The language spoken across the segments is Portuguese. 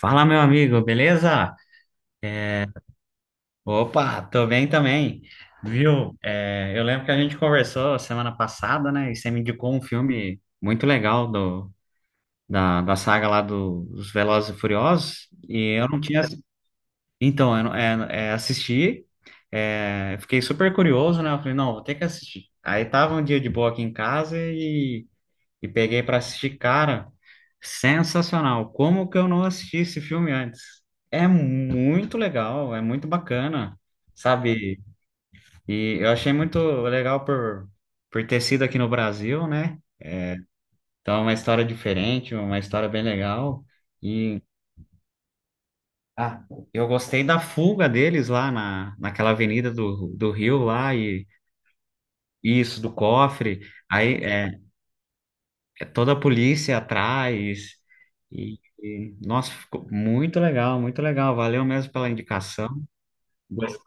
Fala, meu amigo, beleza? Opa, tô bem também. Viu? Eu lembro que a gente conversou semana passada, né? E você me indicou um filme muito legal da saga lá dos Velozes e Furiosos. E eu não tinha. Então, eu não- é, é, assisti, fiquei super curioso, né? Eu falei, não, vou ter que assistir. Aí tava um dia de boa aqui em casa e peguei para assistir, cara, sensacional. Como que eu não assisti esse filme antes? É muito legal, é muito bacana, sabe? E eu achei muito legal por ter sido aqui no Brasil, né? Então, é uma história diferente, uma história bem legal. E ah, eu gostei da fuga deles naquela avenida do Rio lá e isso do cofre. Aí, é, é toda a polícia atrás. E nossa, ficou muito legal, muito legal. Valeu mesmo pela indicação. Gos-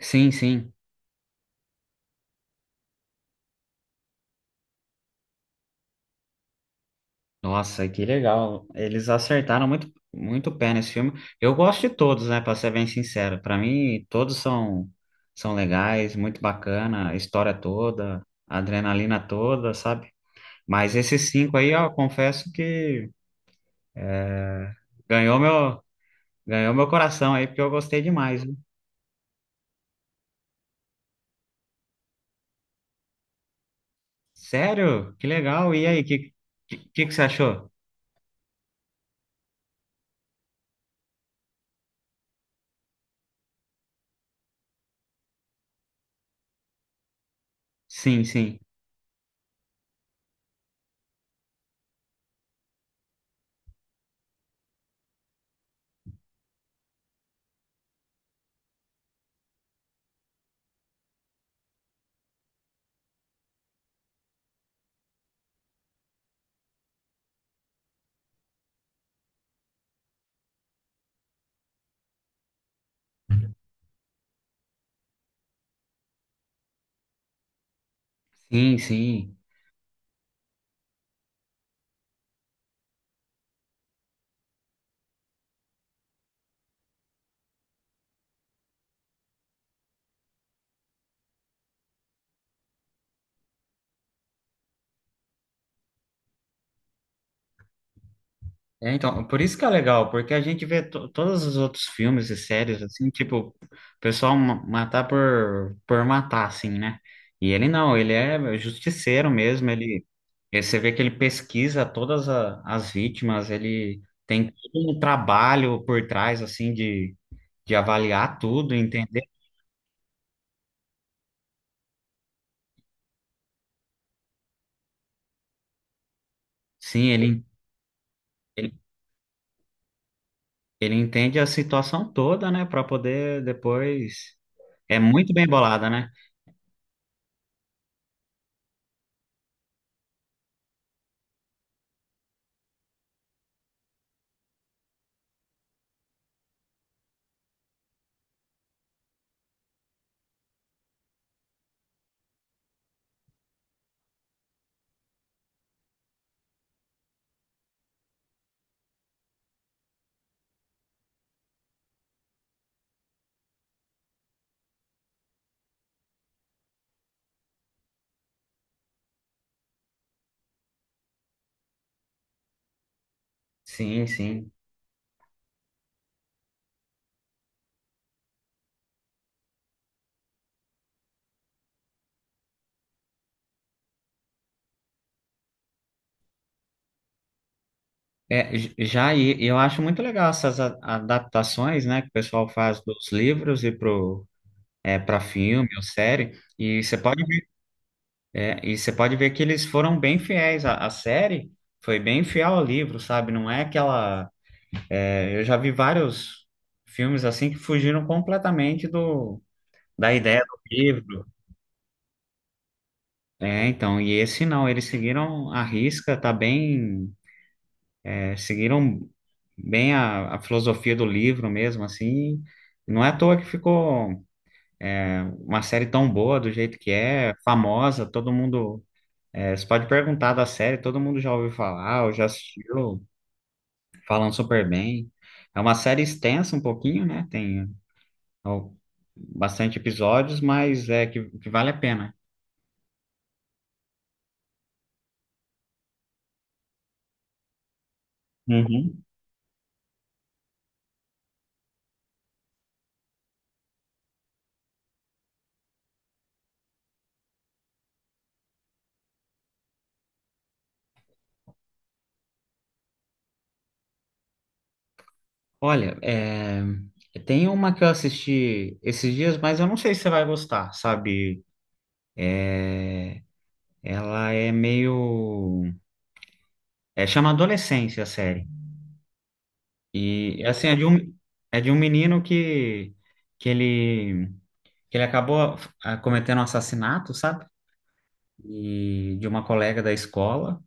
Sim, sim. Nossa, que legal. Eles acertaram muito, muito o pé nesse filme. Eu gosto de todos, né, para ser bem sincero. Para mim, todos são legais, muito bacana, a história toda, a adrenalina toda, sabe? Mas esses 5 aí, ó, confesso que ganhou meu ganhou meu coração aí, porque eu gostei demais. Sério? Que legal. E aí, que você achou? Sim, sim. Sim, sim. É, então, por isso que é legal, porque a gente vê todos os outros filmes e séries, assim, tipo, o pessoal matar por matar, assim, né? E ele não, ele é justiceiro mesmo, você vê que ele pesquisa as vítimas, ele tem todo um trabalho por trás, assim, de avaliar tudo, entender. Sim, ele, Ele entende a situação toda, né, para poder depois. É muito bem bolada, né? Sim, sim. É, já eu acho muito legal essas adaptações, né, que o pessoal faz dos livros e para filme ou série. E você pode ver, e você pode ver que eles foram bem fiéis. A série foi bem fiel ao livro, sabe? Não é aquela. Eu já vi vários filmes assim que fugiram completamente do da ideia do livro. É, então, e esse não, eles seguiram a risca, tá bem, seguiram bem a filosofia do livro mesmo, assim, não é à toa que ficou uma série tão boa do jeito que é, famosa, todo mundo, você pode perguntar da série, todo mundo já ouviu falar, ou já assistiu, falam super bem. É uma série extensa um pouquinho, né, tem ó, bastante episódios, mas que vale a pena. Uhum. Olha, tem uma que eu assisti esses dias, mas eu não sei se você vai gostar, sabe? Ela é meio. É, chama Adolescência a série. E assim, é de um menino que ele, que ele acabou cometendo um assassinato, sabe? E de uma colega da escola.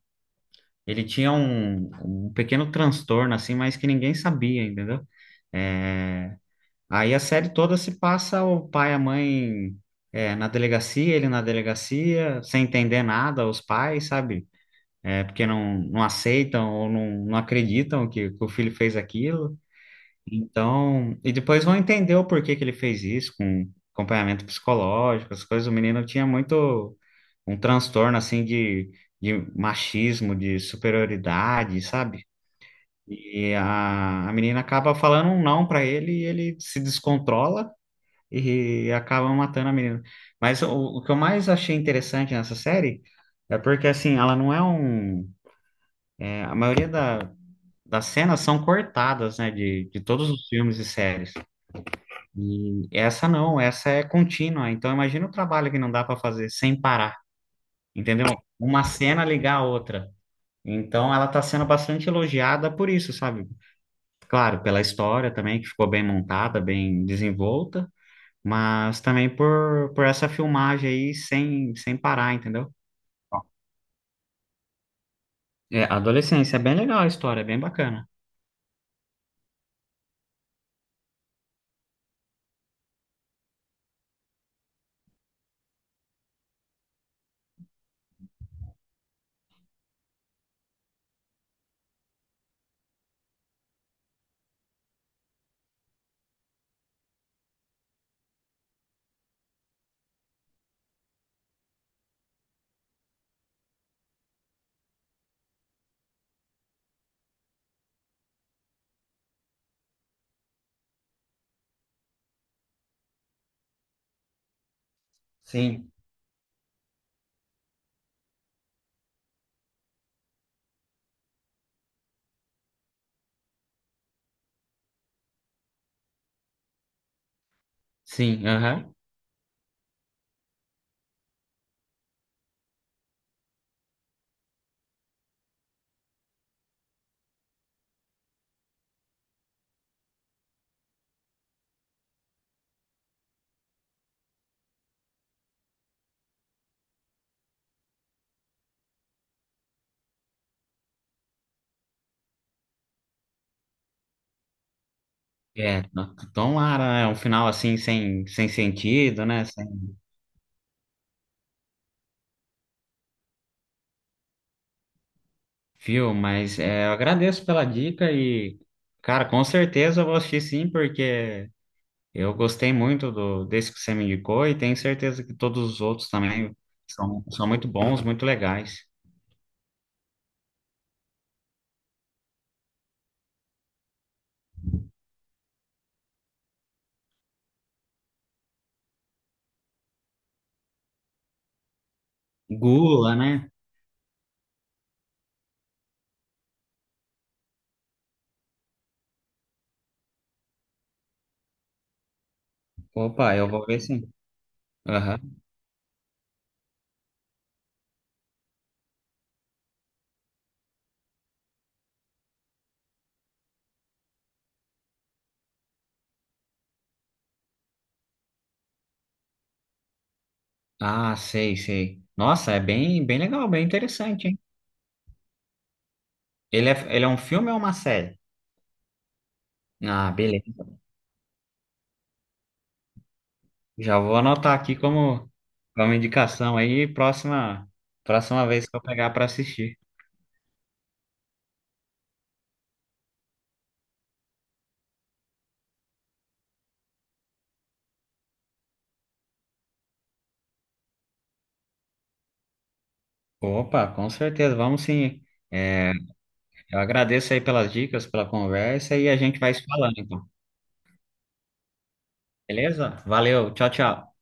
Ele tinha um pequeno transtorno, assim, mas que ninguém sabia, entendeu? É, Aí a série toda se passa o pai e a mãe é, na delegacia, ele na delegacia, sem entender nada, os pais, sabe? É, porque não aceitam ou não acreditam que o filho fez aquilo. Então, e depois vão entender o porquê que ele fez isso, com acompanhamento psicológico, as coisas. O menino tinha muito um transtorno, assim, de machismo, de superioridade, sabe? E a menina acaba falando um não para ele e ele se descontrola e acabam matando a menina. Mas o que eu mais achei interessante nessa série é porque, assim, ela não é a maioria das cenas são cortadas, né, de todos os filmes e séries. E essa não, essa é contínua. Então, imagina o trabalho que não dá para fazer sem parar, entendeu? Uma cena ligar a outra. Então, ela está sendo bastante elogiada por isso, sabe? Claro, pela história também, que ficou bem montada, bem desenvolta. Mas também por essa filmagem aí sem parar, entendeu? É, adolescência, é bem legal a história, é bem bacana. Sim. Sim, aham. É, tomara, né? Um final assim sem sentido, né? Sem fio, mas é, eu agradeço pela dica e, cara, com certeza eu vou assistir sim, porque eu gostei muito desse que você me indicou e tenho certeza que todos os outros também são, são muito bons, muito legais. Gula, né? Opa, eu vou ver sim. Aham. Ah, sei, sei. Nossa, é bem, bem legal, bem interessante, hein? Ele é um filme ou uma série? Ah, beleza. Já vou anotar aqui como, como indicação aí, próxima, próxima vez que eu pegar para assistir. Opa, com certeza, vamos sim. É, eu agradeço aí pelas dicas, pela conversa e a gente vai se falando, então. Beleza? Valeu, tchau, tchau.